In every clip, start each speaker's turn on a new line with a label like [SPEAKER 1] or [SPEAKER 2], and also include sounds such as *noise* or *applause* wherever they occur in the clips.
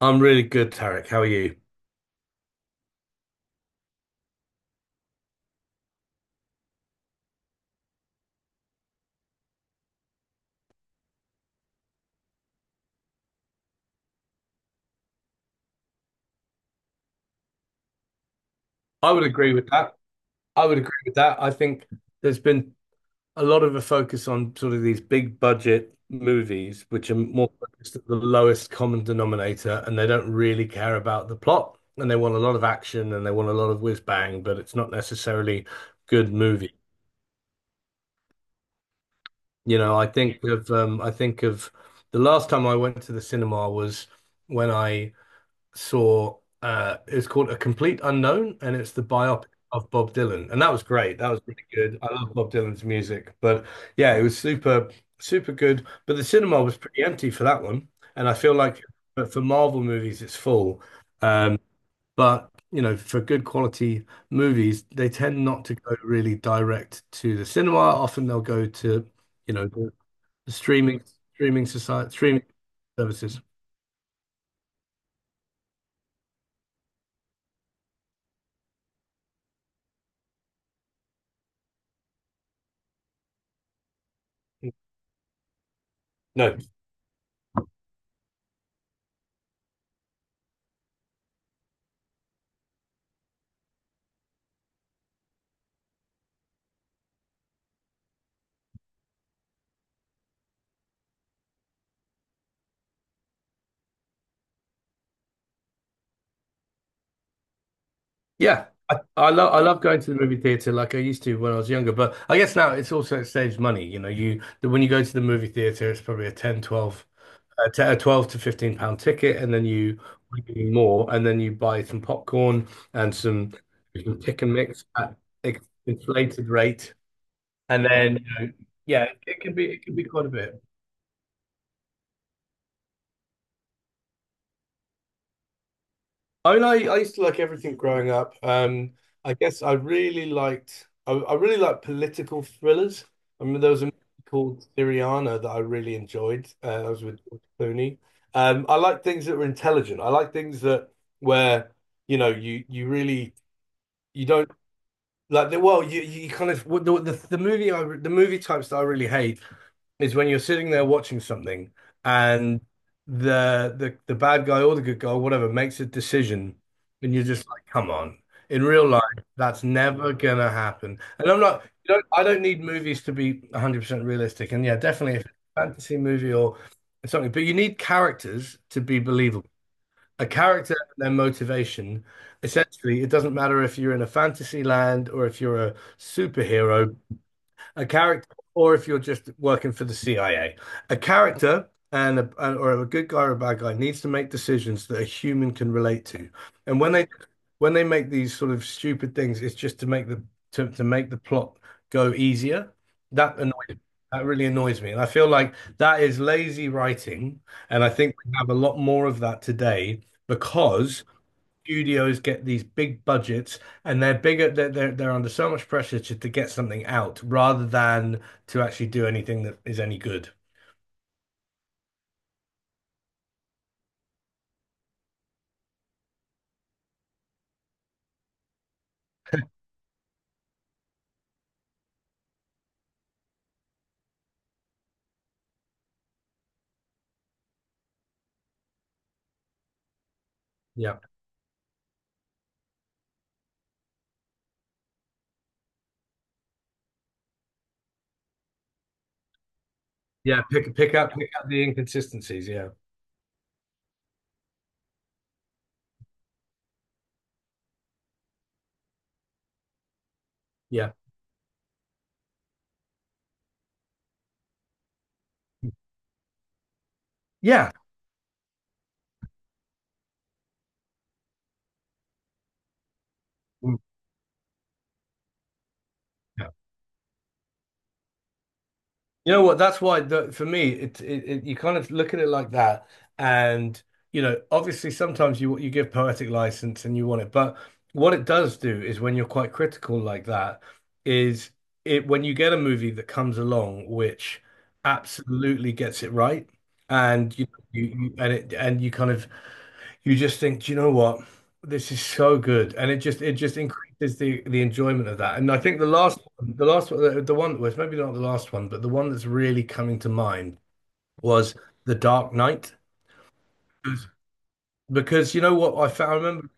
[SPEAKER 1] I'm really good, Tarek. How are you? I would agree with that. I would agree with that. I think there's been a lot of a focus on sort of these big budget movies, which are more focused at the lowest common denominator, and they don't really care about the plot, and they want a lot of action and they want a lot of whiz bang, but it's not necessarily good movie. You know, I think of the last time I went to the cinema was when I saw it's called A Complete Unknown, and it's the biopic of Bob Dylan. And that was great. That was really good. I love Bob Dylan's music. But yeah, it was super, super good. But the cinema was pretty empty for that one. And I feel like but for Marvel movies it's full. Um but you know for good quality movies they tend not to go really direct to the cinema. Often they'll go to you know the streaming services. No. Yeah, I love going to the movie theater like I used to when I was younger, but I guess now it's also it saves money. You know, when you go to the movie theater, it's probably a 10 a 12 to £15 ticket, and then you pay more, and then you buy some popcorn and some you pick and mix at inflated rate, and then you know, yeah, it can be quite a bit. I mean, I used to like everything growing up. I guess I really liked political thrillers. I mean, there was a movie called Syriana that I really enjoyed. I was with George Clooney. I like things that were intelligent. I like things that where you know you really you don't like the well you kind of what the movie types that I really hate is when you're sitting there watching something and the bad guy or the good guy, or whatever, makes a decision and you're just like, come on. In real life, that's never gonna happen. And I'm not, you don't, I don't need movies to be 100% realistic. And yeah, definitely if it's a fantasy movie or something, but you need characters to be believable. A character and their motivation, essentially, it doesn't matter if you're in a fantasy land or if you're a superhero, a character, or if you're just working for the CIA, a character and a, and- or a good guy or a bad guy needs to make decisions that a human can relate to. And when they make these sort of stupid things, it's just to make the plot go easier. That annoys that really annoys me. And I feel like that is lazy writing. And I think we have a lot more of that today because studios get these big budgets and they're bigger they're under so much pressure to get something out rather than to actually do anything that is any good. Yeah, yeah, pick up the inconsistencies, yeah. Yeah, yeah. Mm. You know what? That's why the, for me, it you kind of look at it like that, and you know, obviously, sometimes you give poetic license and you want it, but what it does do is when you're quite critical like that, is it when you get a movie that comes along which absolutely gets it right, and you and it and you kind of you just think, do you know what? This is so good, and it just increases the enjoyment of that. And I think the last one, the one that was maybe not the last one, but the one that's really coming to mind was The Dark Knight because you know what I found. I remember.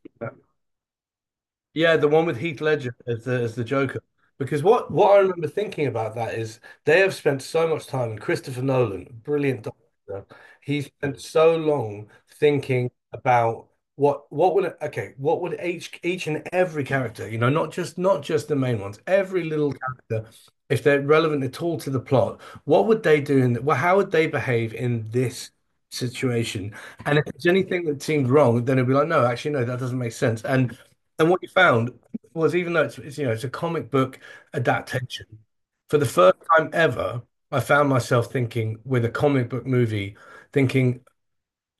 [SPEAKER 1] Yeah, the one with Heath Ledger as the Joker. Because what I remember thinking about that is they have spent so much time, and Christopher Nolan, brilliant director, he spent so long thinking about what what would each and every character, you know, not just the main ones, every little character, if they're relevant at all to the plot, what would they do in well, how would they behave in this situation? And if there's anything that seemed wrong, then it'd be like, no, actually, no, that doesn't make sense. And what you found was, even though it's you know it's a comic book adaptation, for the first time ever, I found myself thinking with a comic book movie, thinking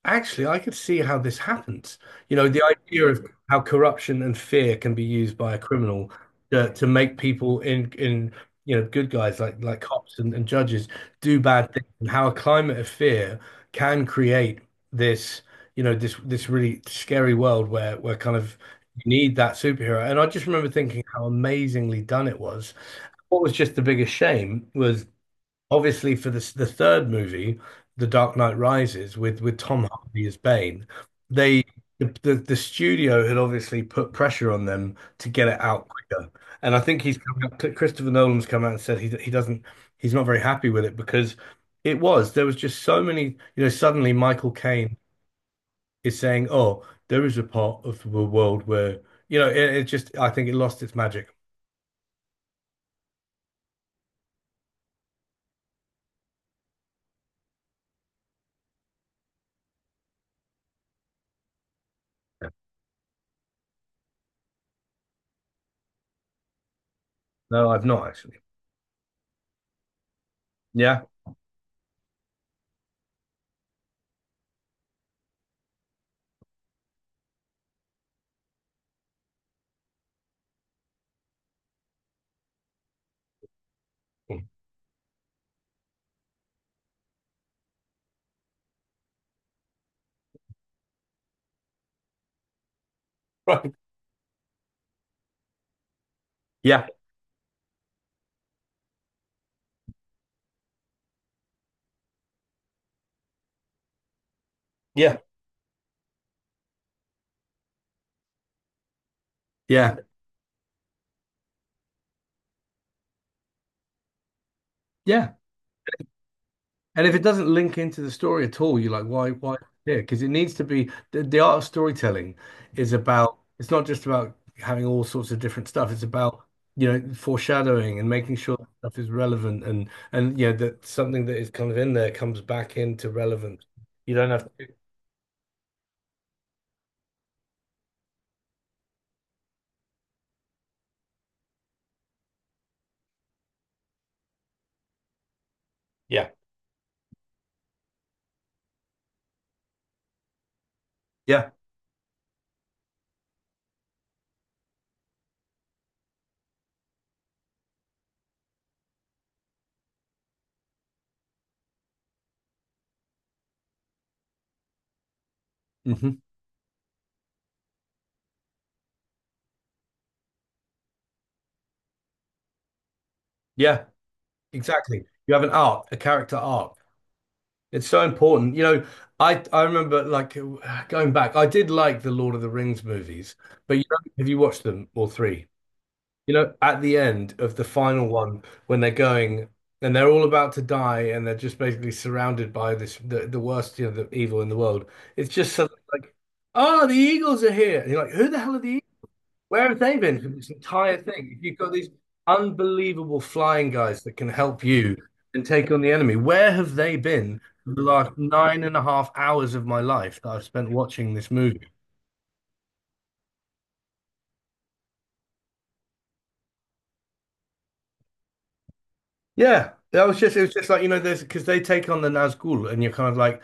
[SPEAKER 1] actually, I could see how this happens. You know, the idea of how corruption and fear can be used by a criminal to make people in good guys like cops and judges do bad things, and how a climate of fear can create this you know this this really scary world where kind of you need that superhero. And I just remember thinking how amazingly done it was. What was just the biggest shame was obviously for this, the third movie, The Dark Knight Rises, with Tom Hardy as Bane, they the studio had obviously put pressure on them to get it out quicker. And I think he's come out, Christopher Nolan's come out and said he doesn't, he's not very happy with it because it was there was just so many, you know, suddenly Michael Caine is saying, "Oh, there is a part of the world where, you know, it just I think it lost its magic." No, I've not actually. Yeah. *laughs* Right. Yeah. Yeah. Yeah. Yeah. And if it doesn't link into the story at all, you're like, why here? Because it needs to be the art of storytelling is about, it's not just about having all sorts of different stuff. It's about, you know, foreshadowing and making sure that stuff is relevant and, yeah that something that is kind of in there comes back into relevance. You don't have to. Yeah. Yeah. Hmm. Yeah. Exactly. You have an arc, a character arc. It's so important. You know, I remember like going back, I did like the Lord of the Rings movies, but you know, have you watched them all three? You know, at the end of the final one, when they're going and they're all about to die and they're just basically surrounded by the worst, you know, the evil in the world. It's just suddenly like, oh, the eagles are here. And you're like, who the hell are the where have they been for this entire thing? If you've got these unbelievable flying guys that can help you and take on the enemy. Where have they been for the last 9.5 hours of my life that I've spent watching this movie? Yeah, that was just it was just like you know there's because they take on the Nazgul and you're kind of like,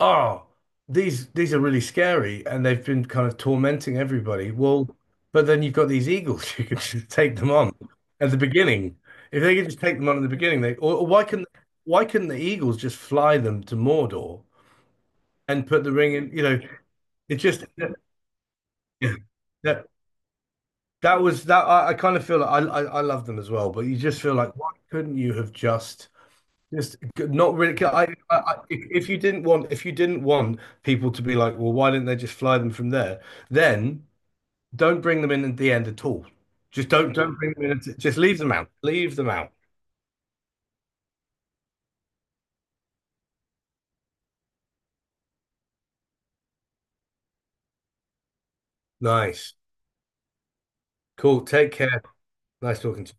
[SPEAKER 1] oh, these are really scary and they've been kind of tormenting everybody. Well, but then you've got these eagles *laughs* you can just take them on at the beginning. If they could just take them on at the beginning, they or why can why couldn't the eagles just fly them to Mordor and put the ring in? You know, it just yeah, that that was that I kind of feel like I love them as well, but you just feel like why couldn't you have just. Not really. I, if you didn't want, if you didn't want, people to be like, well, why didn't they just fly them from there? Then don't bring them in at the end at all. Just don't bring them in. Just leave them out. Leave them out. Nice. Cool. Take care. Nice talking to you. Bye.